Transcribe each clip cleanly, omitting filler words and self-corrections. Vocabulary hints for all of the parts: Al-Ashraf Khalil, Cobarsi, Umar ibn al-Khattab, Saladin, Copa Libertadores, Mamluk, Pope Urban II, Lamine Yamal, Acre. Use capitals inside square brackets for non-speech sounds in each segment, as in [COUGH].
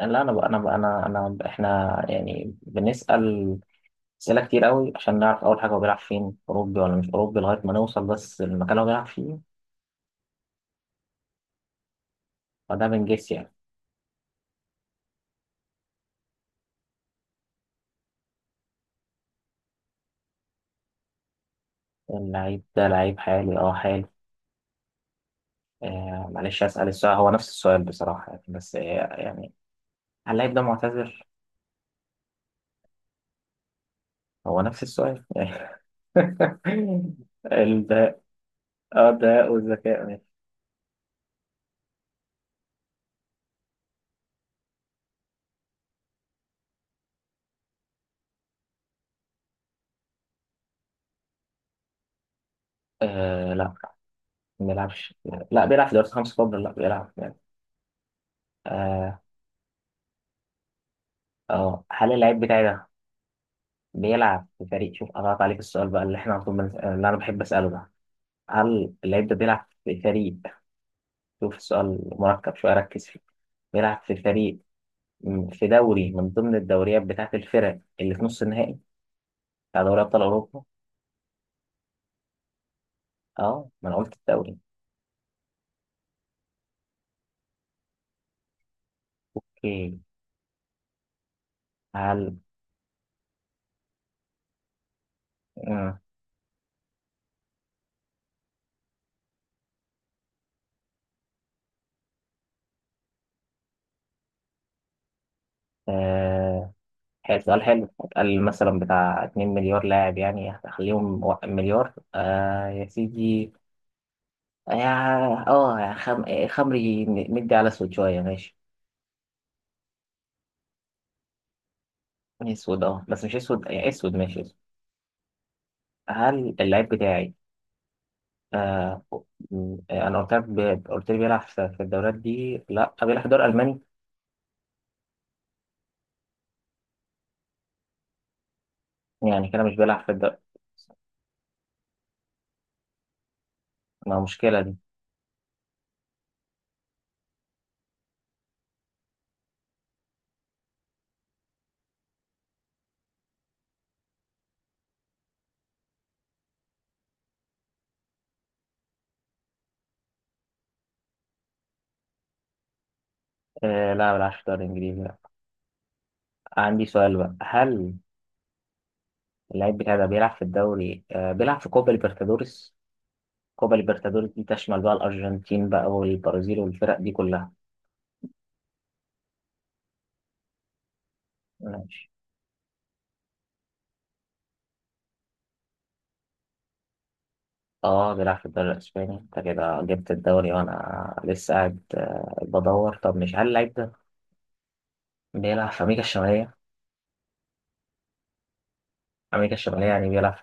لا انا بقى انا بقى انا انا احنا يعني بنسأل أسئلة كتير قوي عشان نعرف اول حاجة هو بيلعب فين، اوروبي ولا مش اوروبي، لغاية ما نوصل بس المكان اللي هو بيلعب فيه. فده بنجس يعني. اللعيب ده لعيب حالي، اه حالي. معلش أسأل السؤال، هو نفس السؤال بصراحة يعني، بس يعني هل اللعيب ده معتذر؟ هو نفس السؤال. ده. [LAUGHS] اه ده والذكاء ماشي. لا، ما بيلعبش، لا بيلعب في دوري خمسة كبرى، لا بيلعب يعني. اه. هل اللعيب بتاعي ده بيلعب في فريق؟ شوف قطعت عليك السؤال بقى اللي احنا على طول اللي انا بحب اساله ده. هل اللعيب ده بيلعب في فريق؟ شوف السؤال مركب شويه، ركز فيه. بيلعب في فريق في دوري من ضمن الدوريات بتاعه الفرق اللي في نص النهائي بتاع دوري ابطال اوروبا. اه، ما انا قلت الدوري. اوكي، هل مم. آه. حلو، سؤال حلو. قال مثلا بتاع 2 مليار لاعب يعني، هخليهم مليار. يا سيدي، اه خمري مدي على اسود شويه، ماشي. اسود، اه بس مش اسود يعني، اسود ماشي اسود. هل اللعيب بتاعي آه انا قلت لك قلت لي بيلعب في في الدوريات دي، لا. بيلعب في الدوري الالماني؟ يعني كده مش بيلعب في الدوري. ما مشكلة دي. لا، بيلعب في الدوري الانجليزي، لا. عندي سؤال بقى، هل اللعيب بتاعي ده بيلعب في الدوري بيلعب في كوبا ليبرتادوريس؟ كوبا ليبرتادوريس دي تشمل بقى الارجنتين بقى والبرازيل والفرق دي كلها. ماشي. اه، بيلعب في الدوري الاسباني؟ انت كده جبت الدوري وانا لسه قاعد بدور. طب مش هل اللعيب ده بيلعب في امريكا الشماليه؟ امريكا الشماليه يعني، بيلعب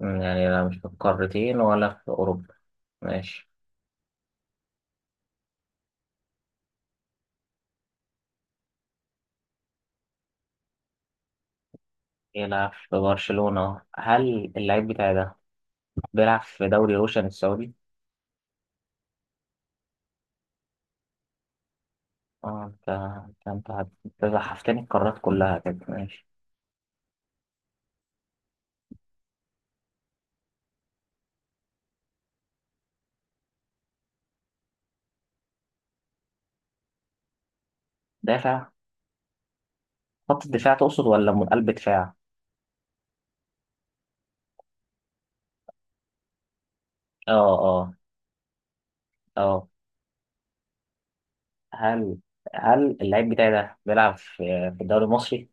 يعني لا مش في القارتين ولا في اوروبا. ماشي، بيلعب في برشلونه. هل اللعيب بتاعي ده بيلعب في دوري روشن السعودي؟ اه، انت أنت زحفتني القارات كلها كده. ماشي. دافع، خط الدفاع تقصد ولا من قلب دفاع؟ اه، اه، اه. هل هل اللعيب بتاعي ده بيلعب في الدوري المصري؟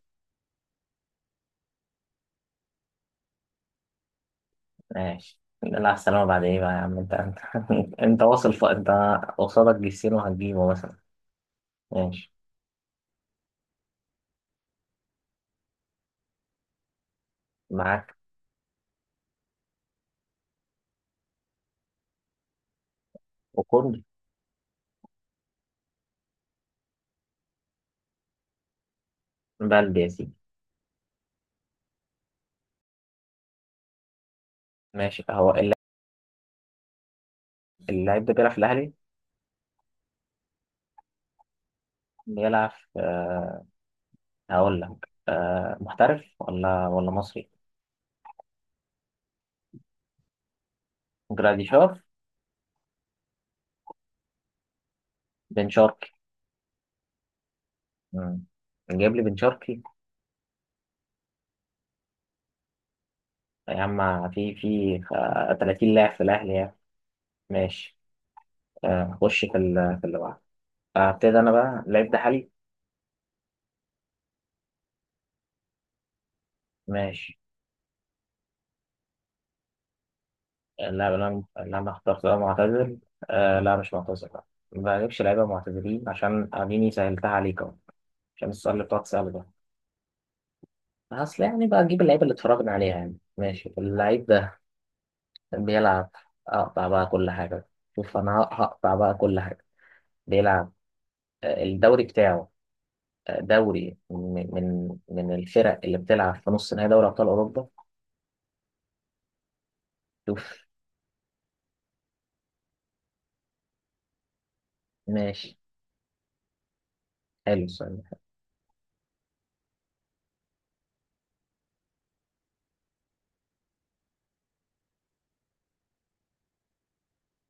ماشي. لا السلامة بعد ايه بقى يا عم، انت [LAUGHS] انت واصل انت قصادك جسيم وهتجيبه مثلا. ماشي، معاك. وكل بلدي يا سيدي. ماشي، هو اللاعب ده بيلعب في الأهلي. بيلعب في هقول لك. محترف ولا مصري؟ جراديشار؟ بن شرقي؟ مم. جايب لي بن شرقي! يا عم في في 30 لاعب في الأهلي يعني. ماشي. خش في في اللي بعده. ابتدي انا بقى، اللعيب ده حالي. ماشي. لا، انا اخترت ده معتزل؟ لا مش معتزل، لا. ما بجيبش لعيبه معتزلين عشان اديني سهلتها عليك اهو، عشان السؤال اللي بتقعد تساله ده. اصل يعني بقى اجيب اللعيبه اللي اتفرجنا عليها يعني. ماشي، اللعيب ده بيلعب، اقطع بقى كل حاجه، شوف انا هقطع بقى كل حاجه، بيلعب الدوري بتاعه دوري من الفرق اللي بتلعب في نص نهائي دوري ابطال اوروبا. شوف. ماشي، حلو السؤال ده.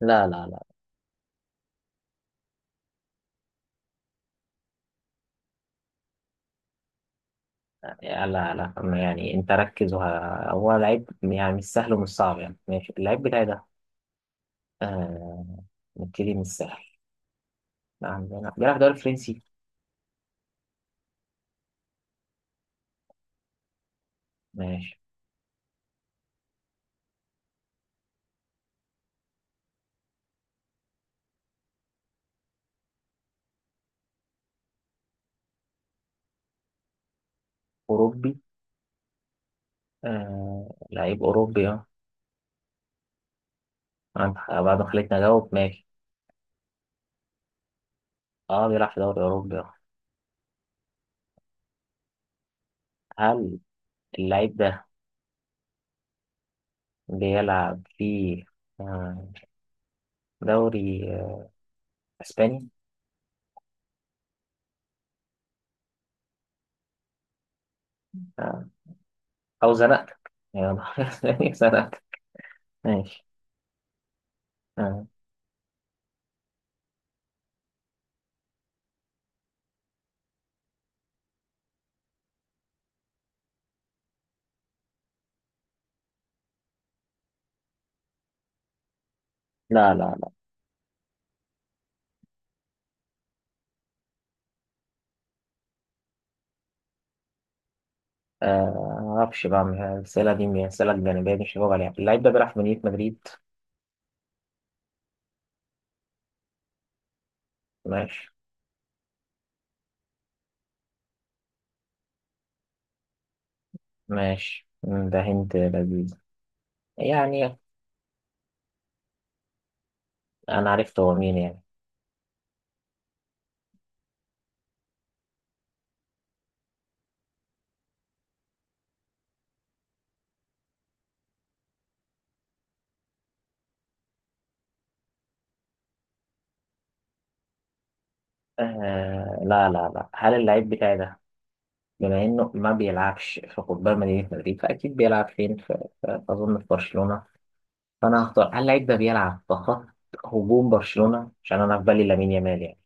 لا. لا، ما يعني انت ركز هو لعيب يعني مش سهل ومش صعب يعني. ماشي، اللعيب بتاعي ده آه... نبتدي من السهل، عندنا بيلعب دوري فرنسي؟ ماشي. أوروبي، لعيب أوروبي، اه. عند- بعد ما خليتني أجاوب، ماشي. اه، بيلعب في دوري أوروبي، اه. هل اللعيب ده بيلعب في آه... دوري أسباني؟ آه... أو زنقتك يعني [LAUGHS] دوري أسباني زنقتك [LAUGHS] ماشي. آه. لا، لا. معرفش بقى، من الأسئلة دي من الأسئلة الجانبية دي مش هجاوب عليها. اللعيب ده بيلعب في مدينة مدريد. ماشي، ماشي ده هنت لذيذ يعني. أنا عرفت هو مين يعني. لا، لا. هل اللعيب بتاعي ده، بما إنه ما بيلعبش في قطبان مدينة مدريد فأكيد بيلعب فين، في أظن في برشلونة، فأنا هختار. هل اللعيب ده بيلعب في خط هجوم برشلونة؟ عشان أنا في بالي لامين يامال يعني.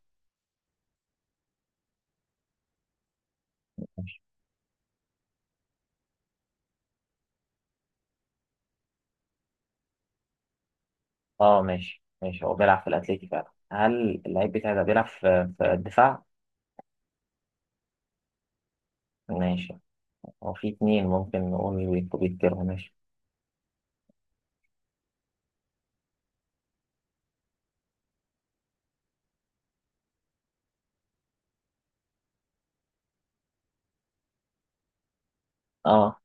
اه ماشي، ماشي. هو بيلعب في الأتليتي فعلا. هل اللعيب بتاعي ده بيلعب في في الدفاع؟ ماشي، هو في اتنين ممكن نقول ويتكرهوا. ماشي. اه،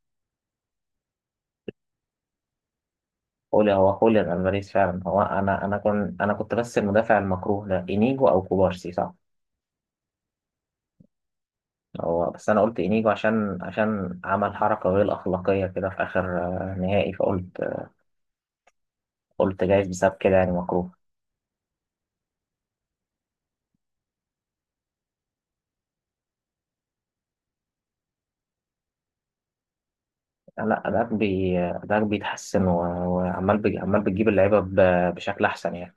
قول هو خوليان الفاريز فعلا هو. انا كنت بس المدافع المكروه ده انيجو او كوبارسي، صح؟ هو بس انا قلت انيجو عشان عشان عمل حركه غير اخلاقيه كده في اخر نهائي، فقلت، قلت جايز بسبب كده يعني مكروه. لا، ده ده بيتحسن وعمال عمال بتجيب اللعيبه بشكل احسن يعني.